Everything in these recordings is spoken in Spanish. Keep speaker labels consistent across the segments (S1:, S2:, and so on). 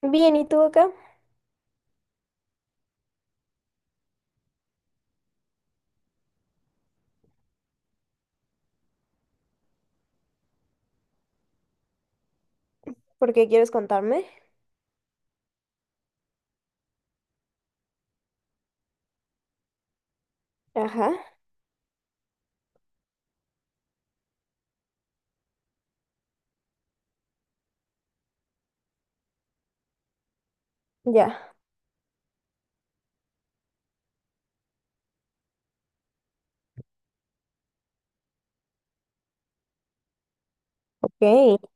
S1: Bien, ¿y tú acá? ¿Por qué quieres contarme? Ajá, ya. Ok,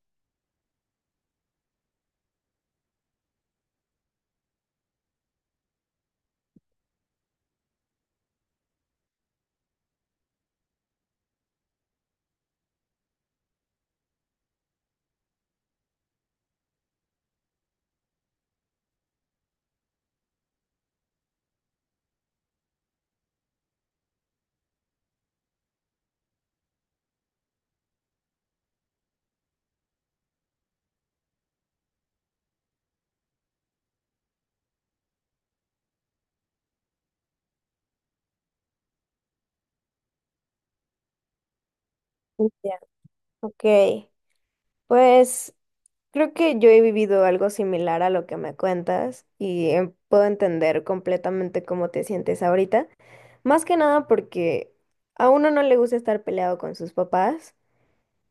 S1: ya, ok. Pues creo que yo he vivido algo similar a lo que me cuentas y puedo entender completamente cómo te sientes ahorita. Más que nada porque a uno no le gusta estar peleado con sus papás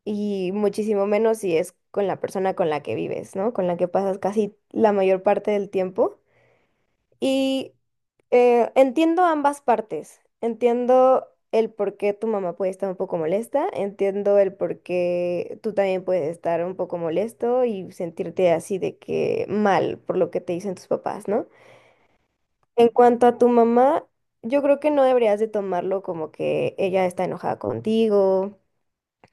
S1: y muchísimo menos si es con la persona con la que vives, ¿no? Con la que pasas casi la mayor parte del tiempo. Y entiendo ambas partes. Entiendo el por qué tu mamá puede estar un poco molesta, entiendo el por qué tú también puedes estar un poco molesto y sentirte así de que mal por lo que te dicen tus papás, ¿no? En cuanto a tu mamá, yo creo que no deberías de tomarlo como que ella está enojada contigo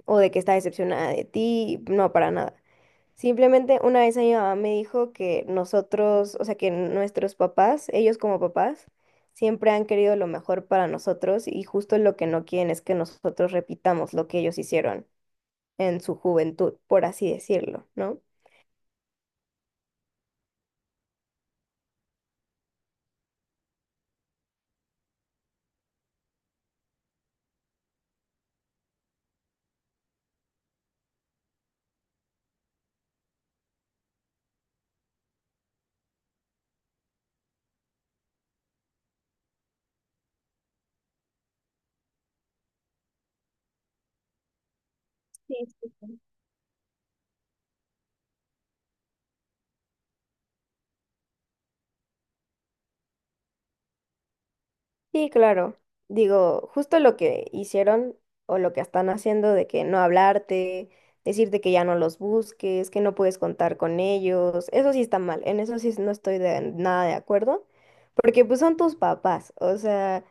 S1: o de que está decepcionada de ti, no, para nada. Simplemente una vez a mi mamá me dijo que nosotros, o sea, que nuestros papás, ellos como papás, siempre han querido lo mejor para nosotros y justo lo que no quieren es que nosotros repitamos lo que ellos hicieron en su juventud, por así decirlo, ¿no? Sí, claro. Digo, justo lo que hicieron o lo que están haciendo de que no hablarte, decirte que ya no los busques, que no puedes contar con ellos, eso sí está mal, en eso sí no estoy de nada de acuerdo, porque pues son tus papás, o sea,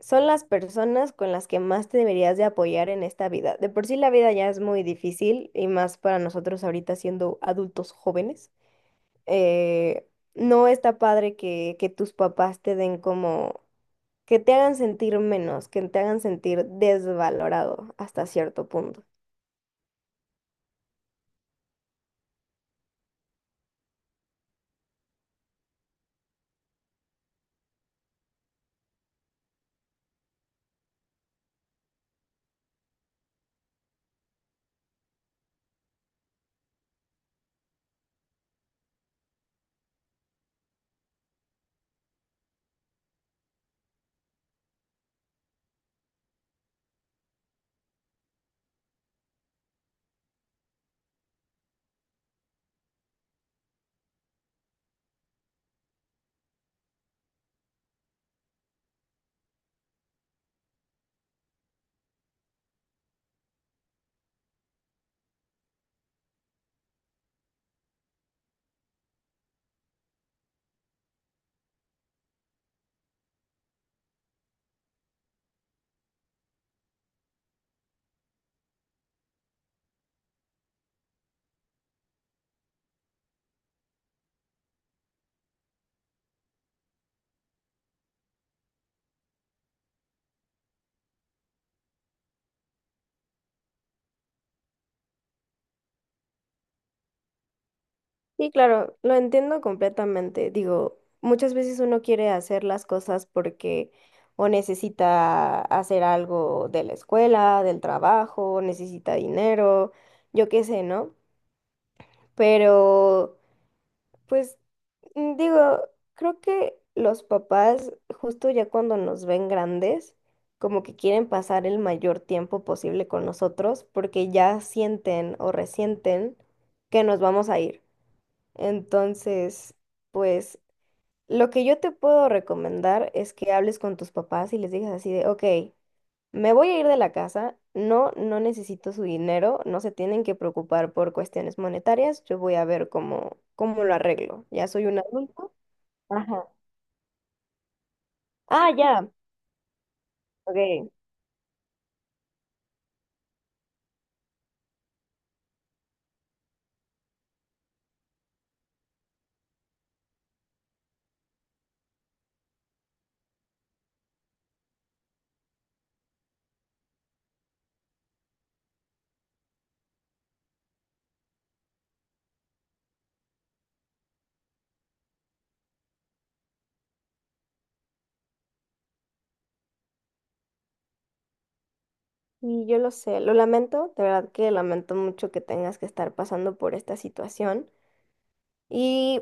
S1: son las personas con las que más te deberías de apoyar en esta vida. De por sí la vida ya es muy difícil y más para nosotros ahorita siendo adultos jóvenes. Eh, no está padre que tus papás te den como que te hagan sentir menos, que te hagan sentir desvalorado hasta cierto punto. Y claro, lo entiendo completamente. Digo, muchas veces uno quiere hacer las cosas porque o necesita hacer algo de la escuela, del trabajo, necesita dinero, yo qué sé, ¿no? Pero pues digo, creo que los papás, justo ya cuando nos ven grandes, como que quieren pasar el mayor tiempo posible con nosotros porque ya sienten o resienten que nos vamos a ir. Entonces, pues lo que yo te puedo recomendar es que hables con tus papás y les digas así de, ok. Me voy a ir de la casa, no, no necesito su dinero, no se tienen que preocupar por cuestiones monetarias, yo voy a ver cómo, cómo lo arreglo. Ya soy un adulto. Ajá. Ah, ya, ok. Y yo lo sé, lo lamento, de verdad que lamento mucho que tengas que estar pasando por esta situación. Y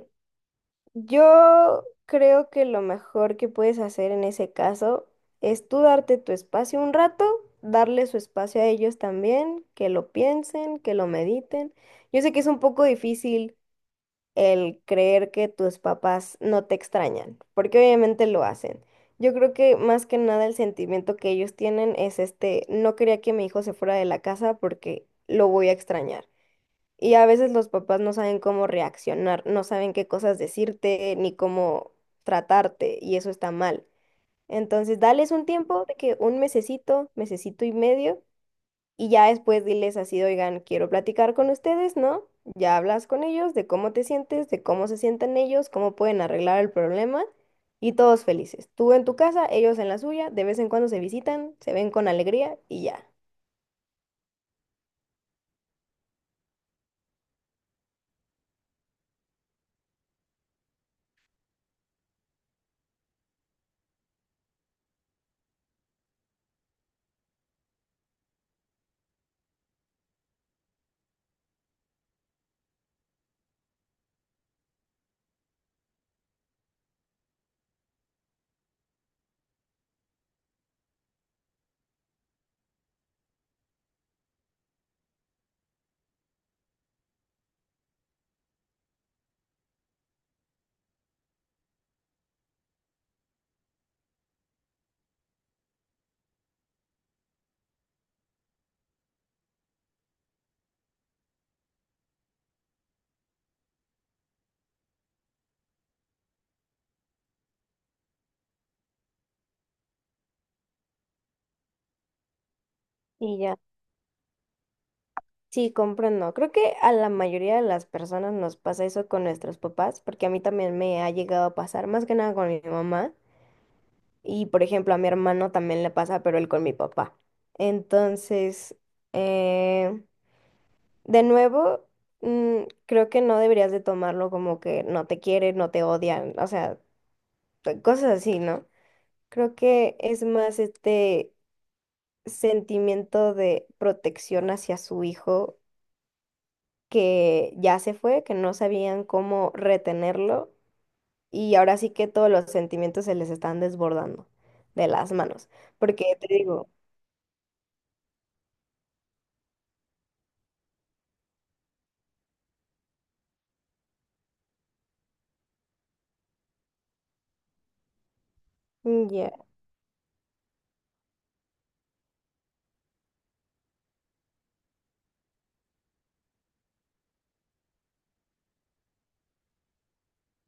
S1: yo creo que lo mejor que puedes hacer en ese caso es tú darte tu espacio un rato, darle su espacio a ellos también, que lo piensen, que lo mediten. Yo sé que es un poco difícil el creer que tus papás no te extrañan, porque obviamente lo hacen. Yo creo que más que nada el sentimiento que ellos tienen es este, no quería que mi hijo se fuera de la casa porque lo voy a extrañar. Y a veces los papás no saben cómo reaccionar, no saben qué cosas decirte ni cómo tratarte, y eso está mal. Entonces, dales un tiempo de que un mesecito, mesecito y medio, y ya después diles así, oigan, quiero platicar con ustedes, ¿no? Ya hablas con ellos de cómo te sientes, de cómo se sienten ellos, cómo pueden arreglar el problema, y todos felices. Tú en tu casa, ellos en la suya, de vez en cuando se visitan, se ven con alegría y ya. Y ya. Sí, comprendo. Creo que a la mayoría de las personas nos pasa eso con nuestros papás, porque a mí también me ha llegado a pasar, más que nada con mi mamá, y por ejemplo a mi hermano también le pasa, pero él con mi papá. Entonces, eh, de nuevo, creo que no deberías de tomarlo como que no te quieren, no te odian, o sea, cosas así, ¿no? Creo que es más este sentimiento de protección hacia su hijo que ya se fue, que no sabían cómo retenerlo y ahora sí que todos los sentimientos se les están desbordando de las manos. Porque te digo, ya,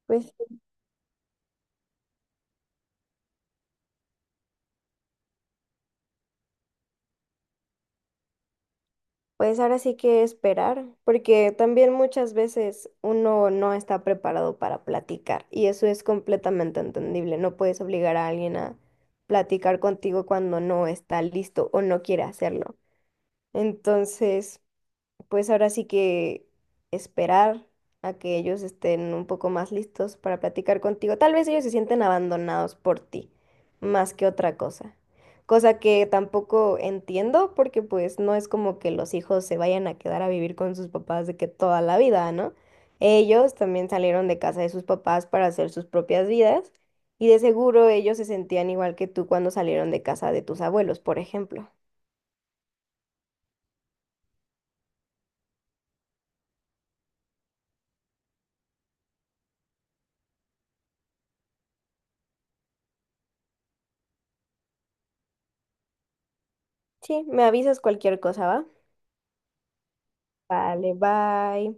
S1: pues, pues ahora sí que esperar, porque también muchas veces uno no está preparado para platicar y eso es completamente entendible. No puedes obligar a alguien a platicar contigo cuando no está listo o no quiere hacerlo. Entonces, pues ahora sí que esperar a que ellos estén un poco más listos para platicar contigo. Tal vez ellos se sienten abandonados por ti, más que otra cosa. Cosa que tampoco entiendo porque pues no es como que los hijos se vayan a quedar a vivir con sus papás de que toda la vida, ¿no? Ellos también salieron de casa de sus papás para hacer sus propias vidas y de seguro ellos se sentían igual que tú cuando salieron de casa de tus abuelos, por ejemplo. Sí, me avisas cualquier cosa, ¿va? Vale, bye.